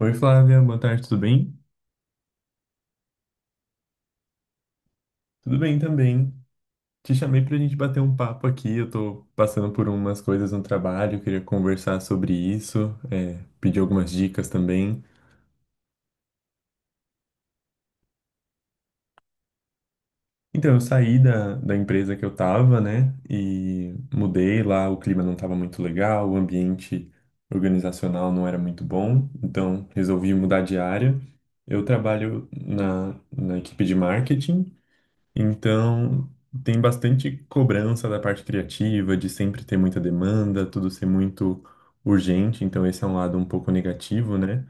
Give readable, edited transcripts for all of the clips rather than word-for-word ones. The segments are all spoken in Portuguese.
Oi, Flávia, boa tarde, tudo bem? Tudo bem também. Te chamei para a gente bater um papo aqui. Eu tô passando por umas coisas no trabalho, queria conversar sobre isso, pedir algumas dicas também. Então, eu saí da empresa que eu tava, né, e mudei lá. O clima não tava muito legal, o ambiente organizacional não era muito bom, então resolvi mudar de área. Eu trabalho na equipe de marketing. Então, tem bastante cobrança da parte criativa, de sempre ter muita demanda, tudo ser muito urgente. Então, esse é um lado um pouco negativo, né?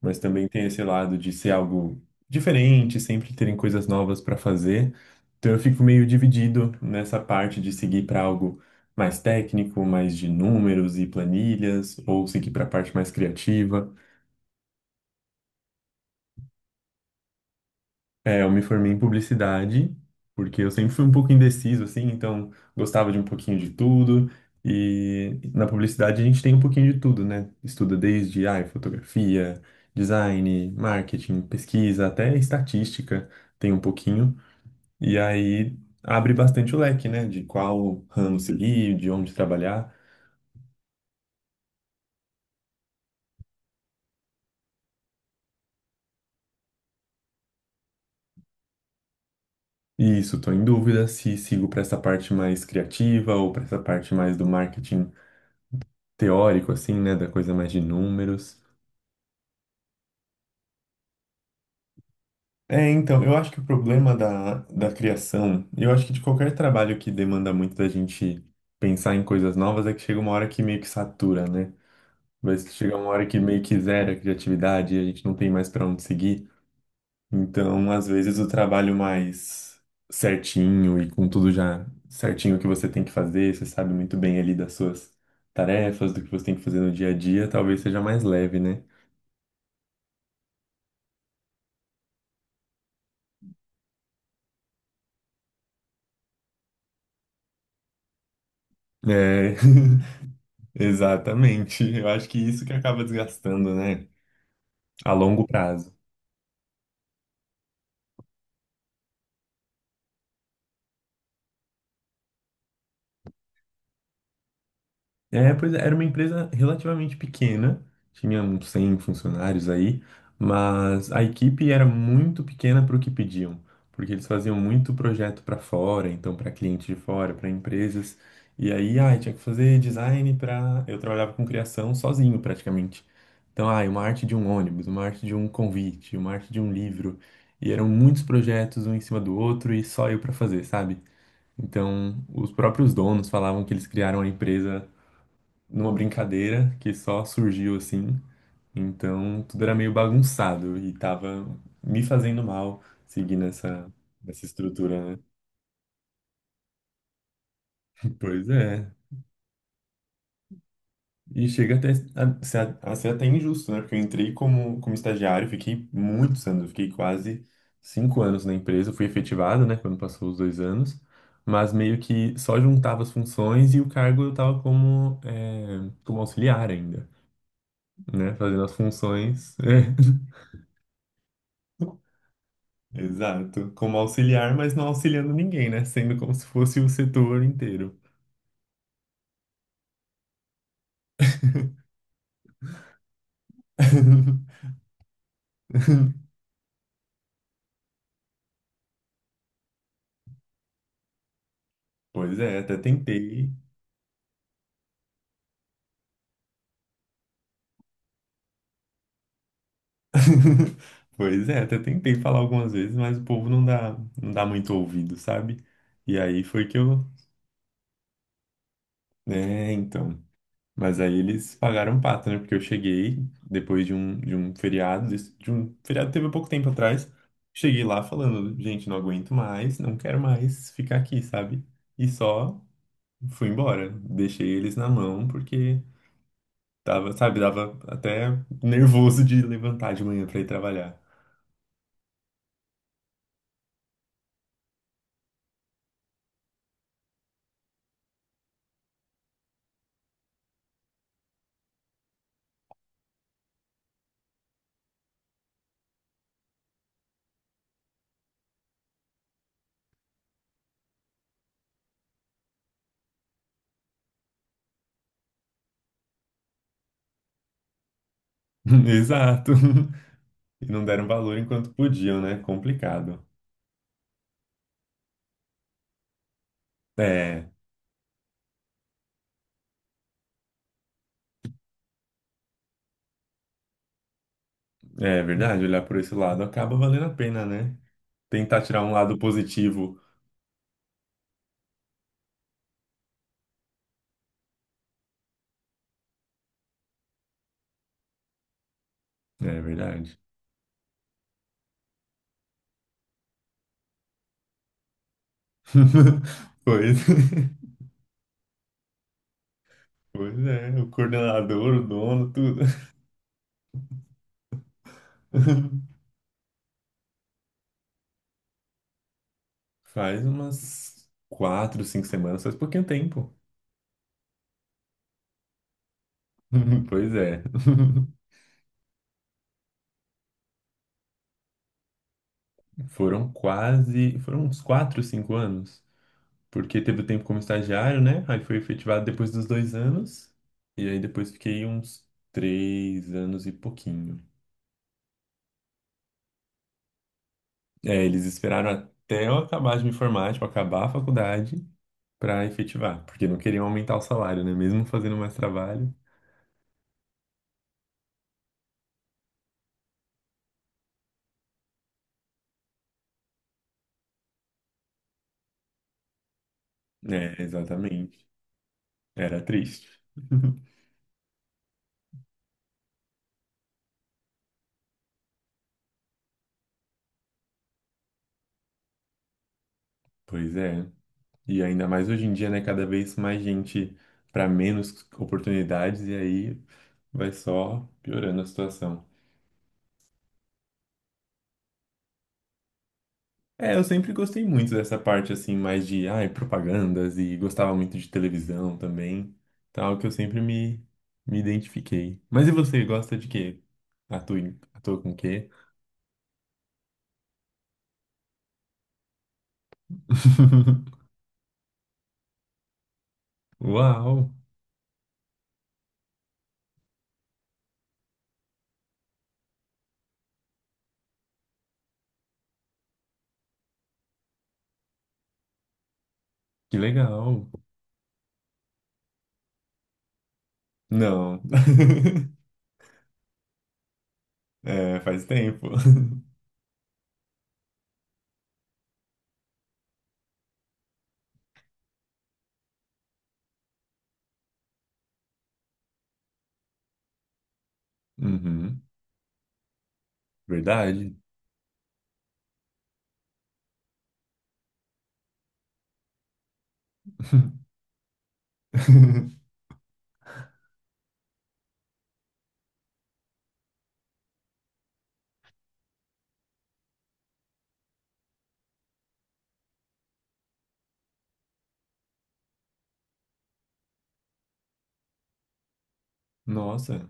Mas também tem esse lado de ser algo diferente, sempre terem coisas novas para fazer. Então, eu fico meio dividido nessa parte de seguir para algo mais técnico, mais de números e planilhas, ou seguir para a parte mais criativa. É, eu me formei em publicidade, porque eu sempre fui um pouco indeciso, assim, então gostava de um pouquinho de tudo. E na publicidade a gente tem um pouquinho de tudo, né? Estuda desde, ai, fotografia, design, marketing, pesquisa, até estatística tem um pouquinho. E aí abre bastante o leque, né? De qual ramo seguir, de onde trabalhar. E isso, estou em dúvida se sigo para essa parte mais criativa ou para essa parte mais do marketing teórico, assim, né? Da coisa mais de números. É, então, eu acho que o problema da criação, eu acho que de qualquer trabalho que demanda muito da gente pensar em coisas novas, é que chega uma hora que meio que satura, né? Vai chegar uma hora que meio que zera a criatividade e a gente não tem mais para onde seguir. Então, às vezes, o trabalho mais certinho e com tudo já certinho que você tem que fazer, você sabe muito bem ali das suas tarefas, do que você tem que fazer no dia a dia, talvez seja mais leve, né? É, exatamente. Eu acho que isso que acaba desgastando, né? A longo prazo. É, pois é, era uma empresa relativamente pequena, tinha uns 100 funcionários aí, mas a equipe era muito pequena para o que pediam, porque eles faziam muito projeto para fora, então para clientes de fora, para empresas, e aí, ai, tinha que fazer design para. Eu trabalhava com criação sozinho praticamente. Então, ai, uma arte de um ônibus, uma arte de um convite, uma arte de um livro, e eram muitos projetos um em cima do outro e só eu para fazer, sabe? Então, os próprios donos falavam que eles criaram a empresa numa brincadeira que só surgiu assim. Então, tudo era meio bagunçado e tava me fazendo mal seguir nessa, nessa estrutura, né? Pois é. E chega até a ser até injusto, né? Porque eu entrei como estagiário, fiquei muitos anos, eu fiquei quase cinco anos na empresa, fui efetivado, né? Quando passou os dois anos, mas meio que só juntava as funções e o cargo eu tava como, como auxiliar ainda. Né? Fazendo as funções. É. Exato. Como auxiliar, mas não auxiliando ninguém, né? Sendo como se fosse o setor inteiro. Pois é, até tentei. Pois é, até tentei falar algumas vezes, mas o povo não dá muito ouvido, sabe? E aí foi que eu. É, então. Mas aí eles pagaram pato, né? Porque eu cheguei depois de um feriado, de um feriado que teve há pouco tempo atrás. Cheguei lá falando, gente, não aguento mais, não quero mais ficar aqui, sabe? E só fui embora. Deixei eles na mão, porque tava, sabe, dava até nervoso de levantar de manhã pra ir trabalhar. Exato. E não deram valor enquanto podiam, né? Complicado. É, é verdade, olhar por esse lado acaba valendo a pena, né? Tentar tirar um lado positivo. É verdade. Pois, pois é, o coordenador, o dono, tudo. Faz umas quatro, cinco semanas, faz pouquinho tempo. Pois é. Foram uns quatro, cinco anos. Porque teve o tempo como estagiário, né? Aí foi efetivado depois dos dois anos. E aí depois fiquei uns três anos e pouquinho. É, eles esperaram até eu acabar de me formar, tipo, acabar a faculdade. Para efetivar, porque não queriam aumentar o salário, né? Mesmo fazendo mais trabalho. É, exatamente. Era triste. Pois é. E ainda mais hoje em dia, né? Cada vez mais gente para menos oportunidades e aí vai só piorando a situação. É, eu sempre gostei muito dessa parte assim, mais de, ai, propagandas e gostava muito de televisão também, tal, que eu sempre me identifiquei. Mas e você, gosta de quê? Atua com o quê? Uau! Que legal. Não. É, faz tempo. Uhum. Verdade. Nossa,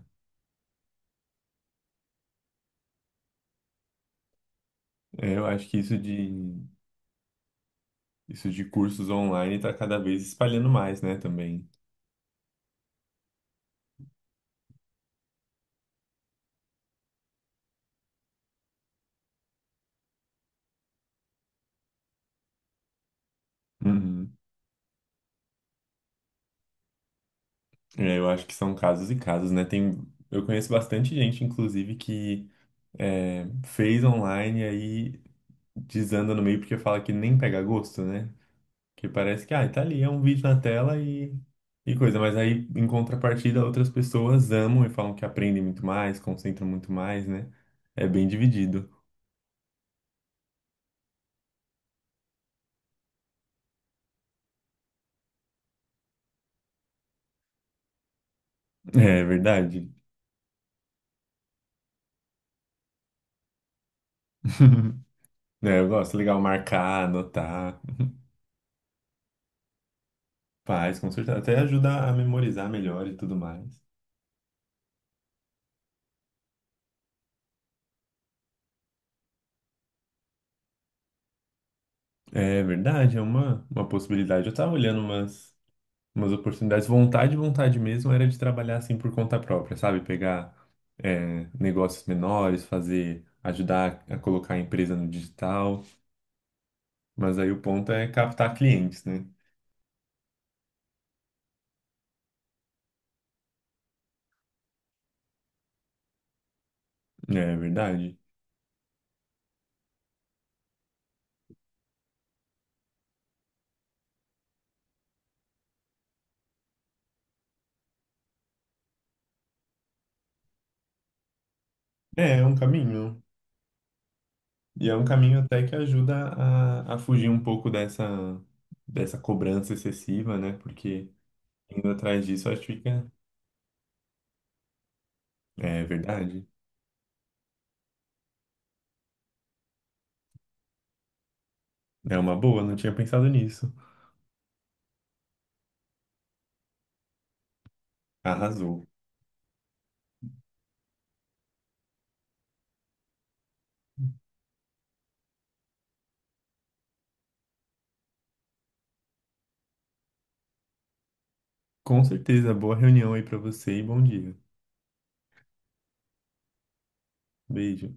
é, eu acho que isso de cursos online está cada vez espalhando mais, né, também. Uhum. É, eu acho que são casos e casos, né? Tem, eu conheço bastante gente, inclusive, que é, fez online e aí desanda no meio porque fala que nem pega gosto, né? Que parece que, ah, tá ali, é um vídeo na tela e coisa. Mas aí, em contrapartida, outras pessoas amam e falam que aprendem muito mais, concentram muito mais, né? É bem dividido. É verdade. É, eu gosto, legal marcar, anotar, faz, com certeza. Até ajuda a memorizar melhor e tudo mais. É verdade, é uma possibilidade. Eu tava olhando umas. Umas oportunidades. Vontade, vontade mesmo era de trabalhar assim por conta própria, sabe? Pegar negócios menores, fazer, ajudar a colocar a empresa no digital. Mas aí o ponto é captar clientes, né? É verdade. É, é um caminho. E é um caminho até que ajuda a fugir um pouco dessa, dessa cobrança excessiva, né? Porque indo atrás disso, acho que fica. É verdade. É uma boa, não tinha pensado nisso. Arrasou. Com certeza, boa reunião aí pra você e bom dia. Beijo.